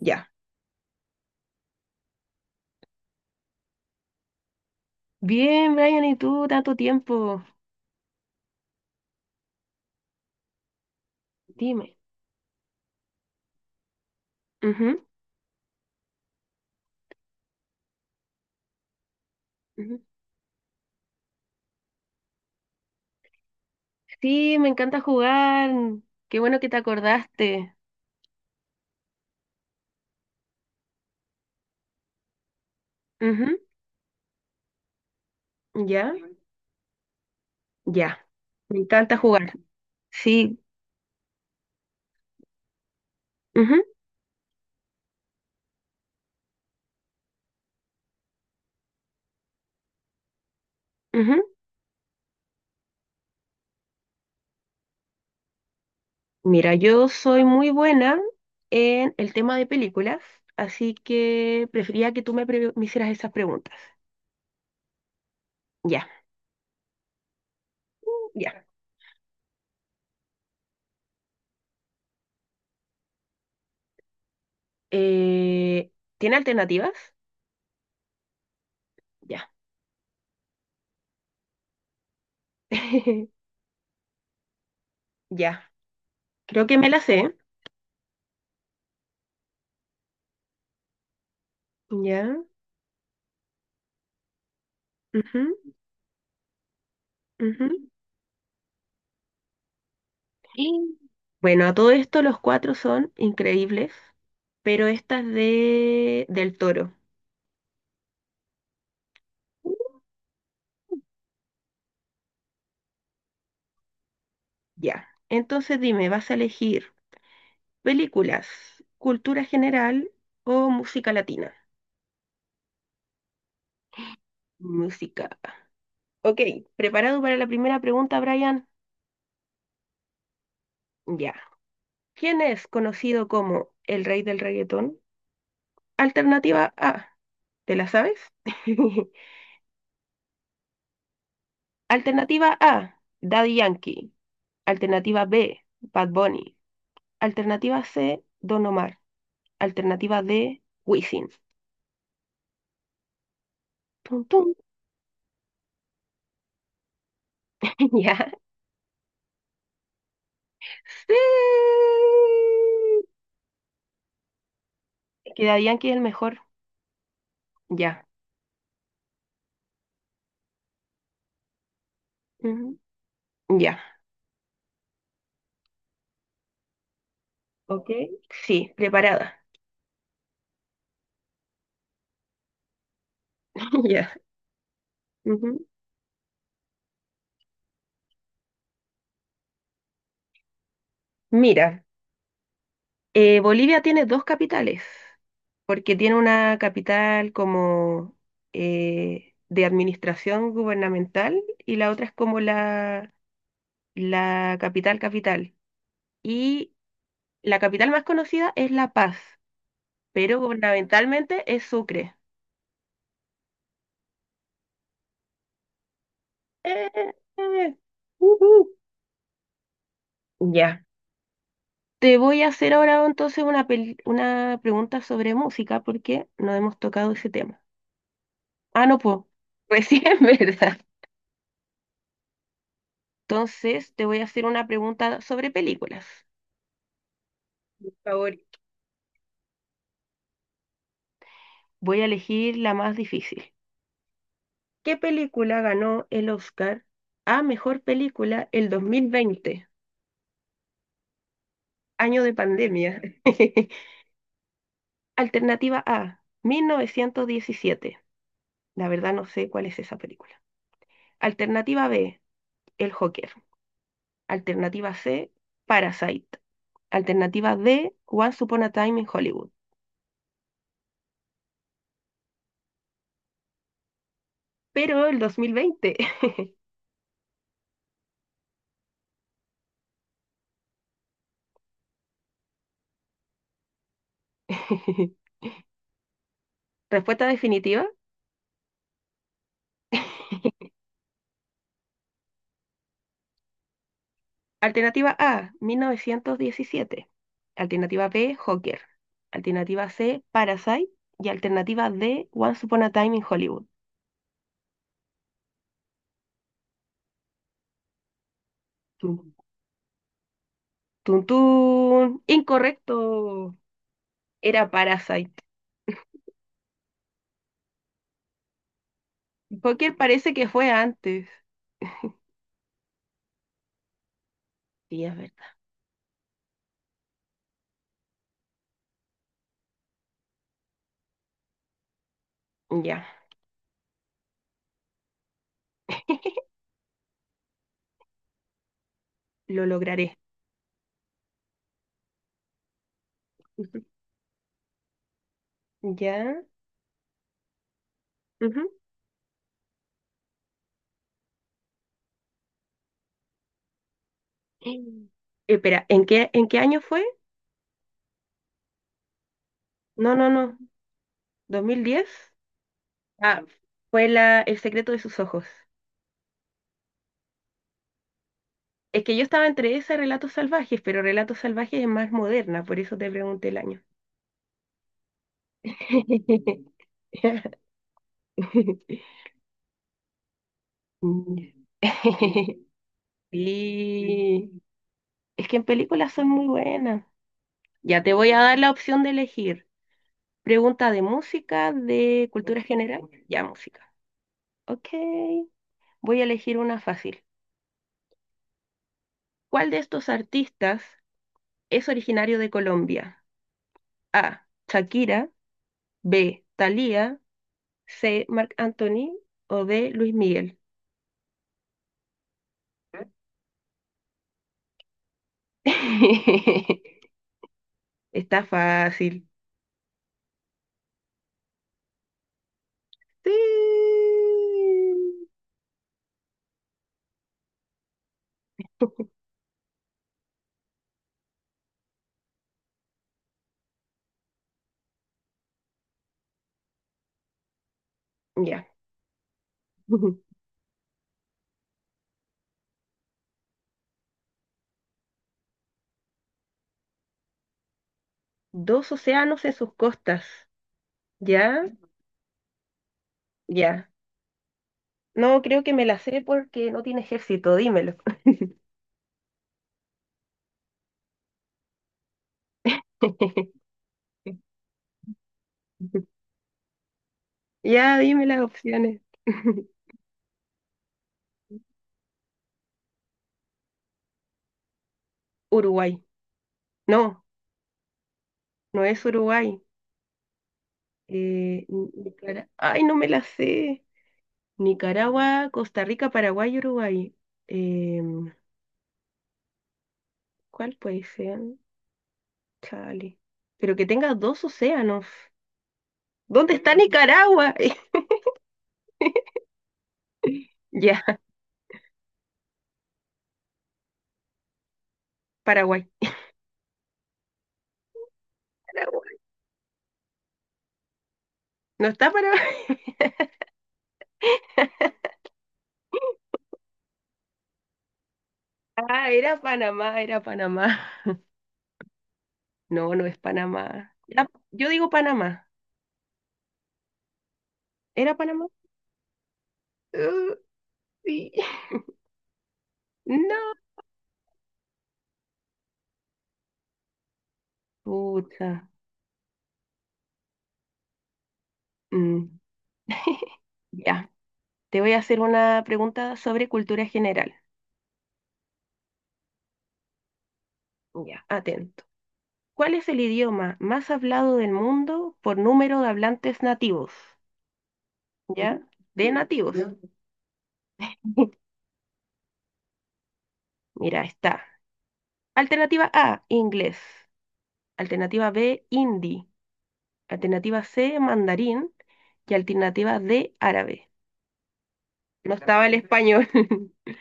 Ya. Bien, Brian, ¿y tú tanto tiempo? Dime. Ujú, ujú. Sí, me encanta jugar. Qué bueno que te acordaste. Ujú, ya, ya. Me encanta jugar. Sí. Ujú, ujú. Mira, yo soy muy buena en el tema de películas, así que prefería que tú me hicieras esas preguntas. Ya, ya. Eh, ¿Tiene alternativas? Ya. Ya. Creo que me las sé. Ya. Ujú, ujú. Y bueno, a todo esto los cuatro son increíbles, pero esta es de del Toro. Ya. Entonces dime, ¿vas a elegir películas, cultura general o música latina? Música. Ok, ¿preparado para la primera pregunta, Brian? Ya. ¿Quién es conocido como el rey del reggaetón? Alternativa A. ¿Te la sabes? Alternativa A, Daddy Yankee. Alternativa B, Bad Bunny. Alternativa C, Don Omar. Alternativa D, Wisin. Tum, tum. Ya. Sí. Quedarían que es el mejor. Ya. Ujú. Ya. Ok. Sí, preparada. Ya. Ujú. Mira, Bolivia tiene dos capitales, porque tiene una capital como de administración gubernamental y la otra es como la capital capital. Y la capital más conocida es La Paz, pero gubernamentalmente es Sucre. Eh, eh, ujú. Ya. Te voy a hacer ahora entonces una pregunta sobre música porque no hemos tocado ese tema. Ah, no, pues, recién, ¿verdad? Entonces te voy a hacer una pregunta sobre películas. Por favor. Voy a elegir la más difícil. ¿Qué película ganó el Oscar a mejor película el 2020, año de pandemia? Alternativa A, 1917. La verdad no sé cuál es esa película. Alternativa B, El Joker. Alternativa C, Parasite. Alternativa D, Once Upon a Time in Hollywood. Pero el 2020. Respuesta definitiva. Alternativa A, 1917. Alternativa B, Joker. Alternativa C, Parasite. Y alternativa D, Once Upon a Time in Hollywood. Tun, tun, tun. Incorrecto. Era Parasite. Joker parece que fue antes. Sí, es verdad. Ya, lo lograré. Ujú. Ya. Ujú. Eh, espera, en qué año fue? No, no, no. ¿2010? Ah, fue El secreto de sus ojos. Es que yo estaba entre ese y Relatos Salvajes, pero Relatos Salvajes es más moderna, por eso te pregunté el año. Sí. Es que en películas son muy buenas. Ya te voy a dar la opción de elegir. Pregunta de música, de cultura general. Ya, música. Ok, voy a elegir una fácil. ¿Cuál de estos artistas es originario de Colombia? A. Shakira, B. Thalía, C. Marc Anthony o D. Luis Miguel. Está fácil. Sí. Ya. Dos océanos en sus costas. ¿Ya? Ya. No, creo que me la sé porque no tiene ejército, dímelo. Ya, dime las opciones. Uruguay. No, no es Uruguay. Nicara- Ay, no me las sé. Nicaragua, Costa Rica, Paraguay, y Uruguay. Em, ¿Cuál puede ser? Chale. Pero que tenga dos océanos. ¿Dónde está Nicaragua? Ya, Paraguay. Paraguay. No está Paraguay. Ah, era Panamá, era Panamá. No, no es Panamá. Ya, yo digo Panamá. ¿Era Panamá? Uh, sí. No. Pucha. Mm, ya, te voy a hacer una pregunta sobre cultura general. Ya, atento. ¿Cuál es el idioma más hablado del mundo por número de hablantes nativos? ¿Ya? De nativos. Mira, está. Alternativa A, inglés. Alternativa B, hindi. Alternativa C, mandarín. Y alternativa D, árabe. No estaba el español.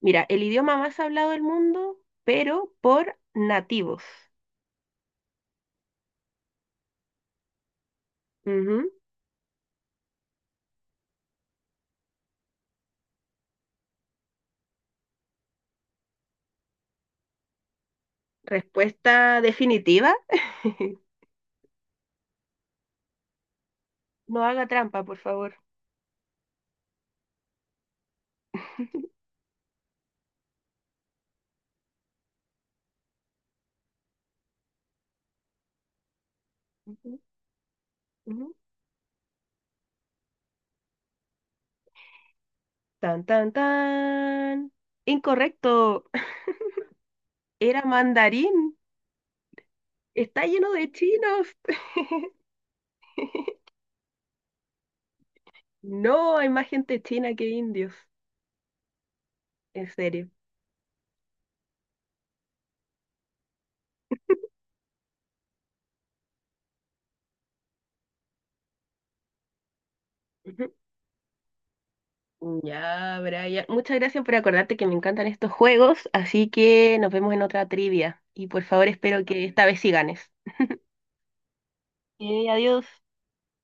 Mira, el idioma más hablado del mundo, pero por nativos. Ujú. Respuesta definitiva. No haga trampa, por favor. Ujú, ujú. Tan, tan, tan. Incorrecto. Era mandarín. Está lleno de chinos. No, hay más gente china que indios. En serio. Ujú. Ya, Brian. Muchas gracias por acordarte que me encantan estos juegos. Así que nos vemos en otra trivia. Y por favor, espero que esta vez sí ganes. Ok, adiós.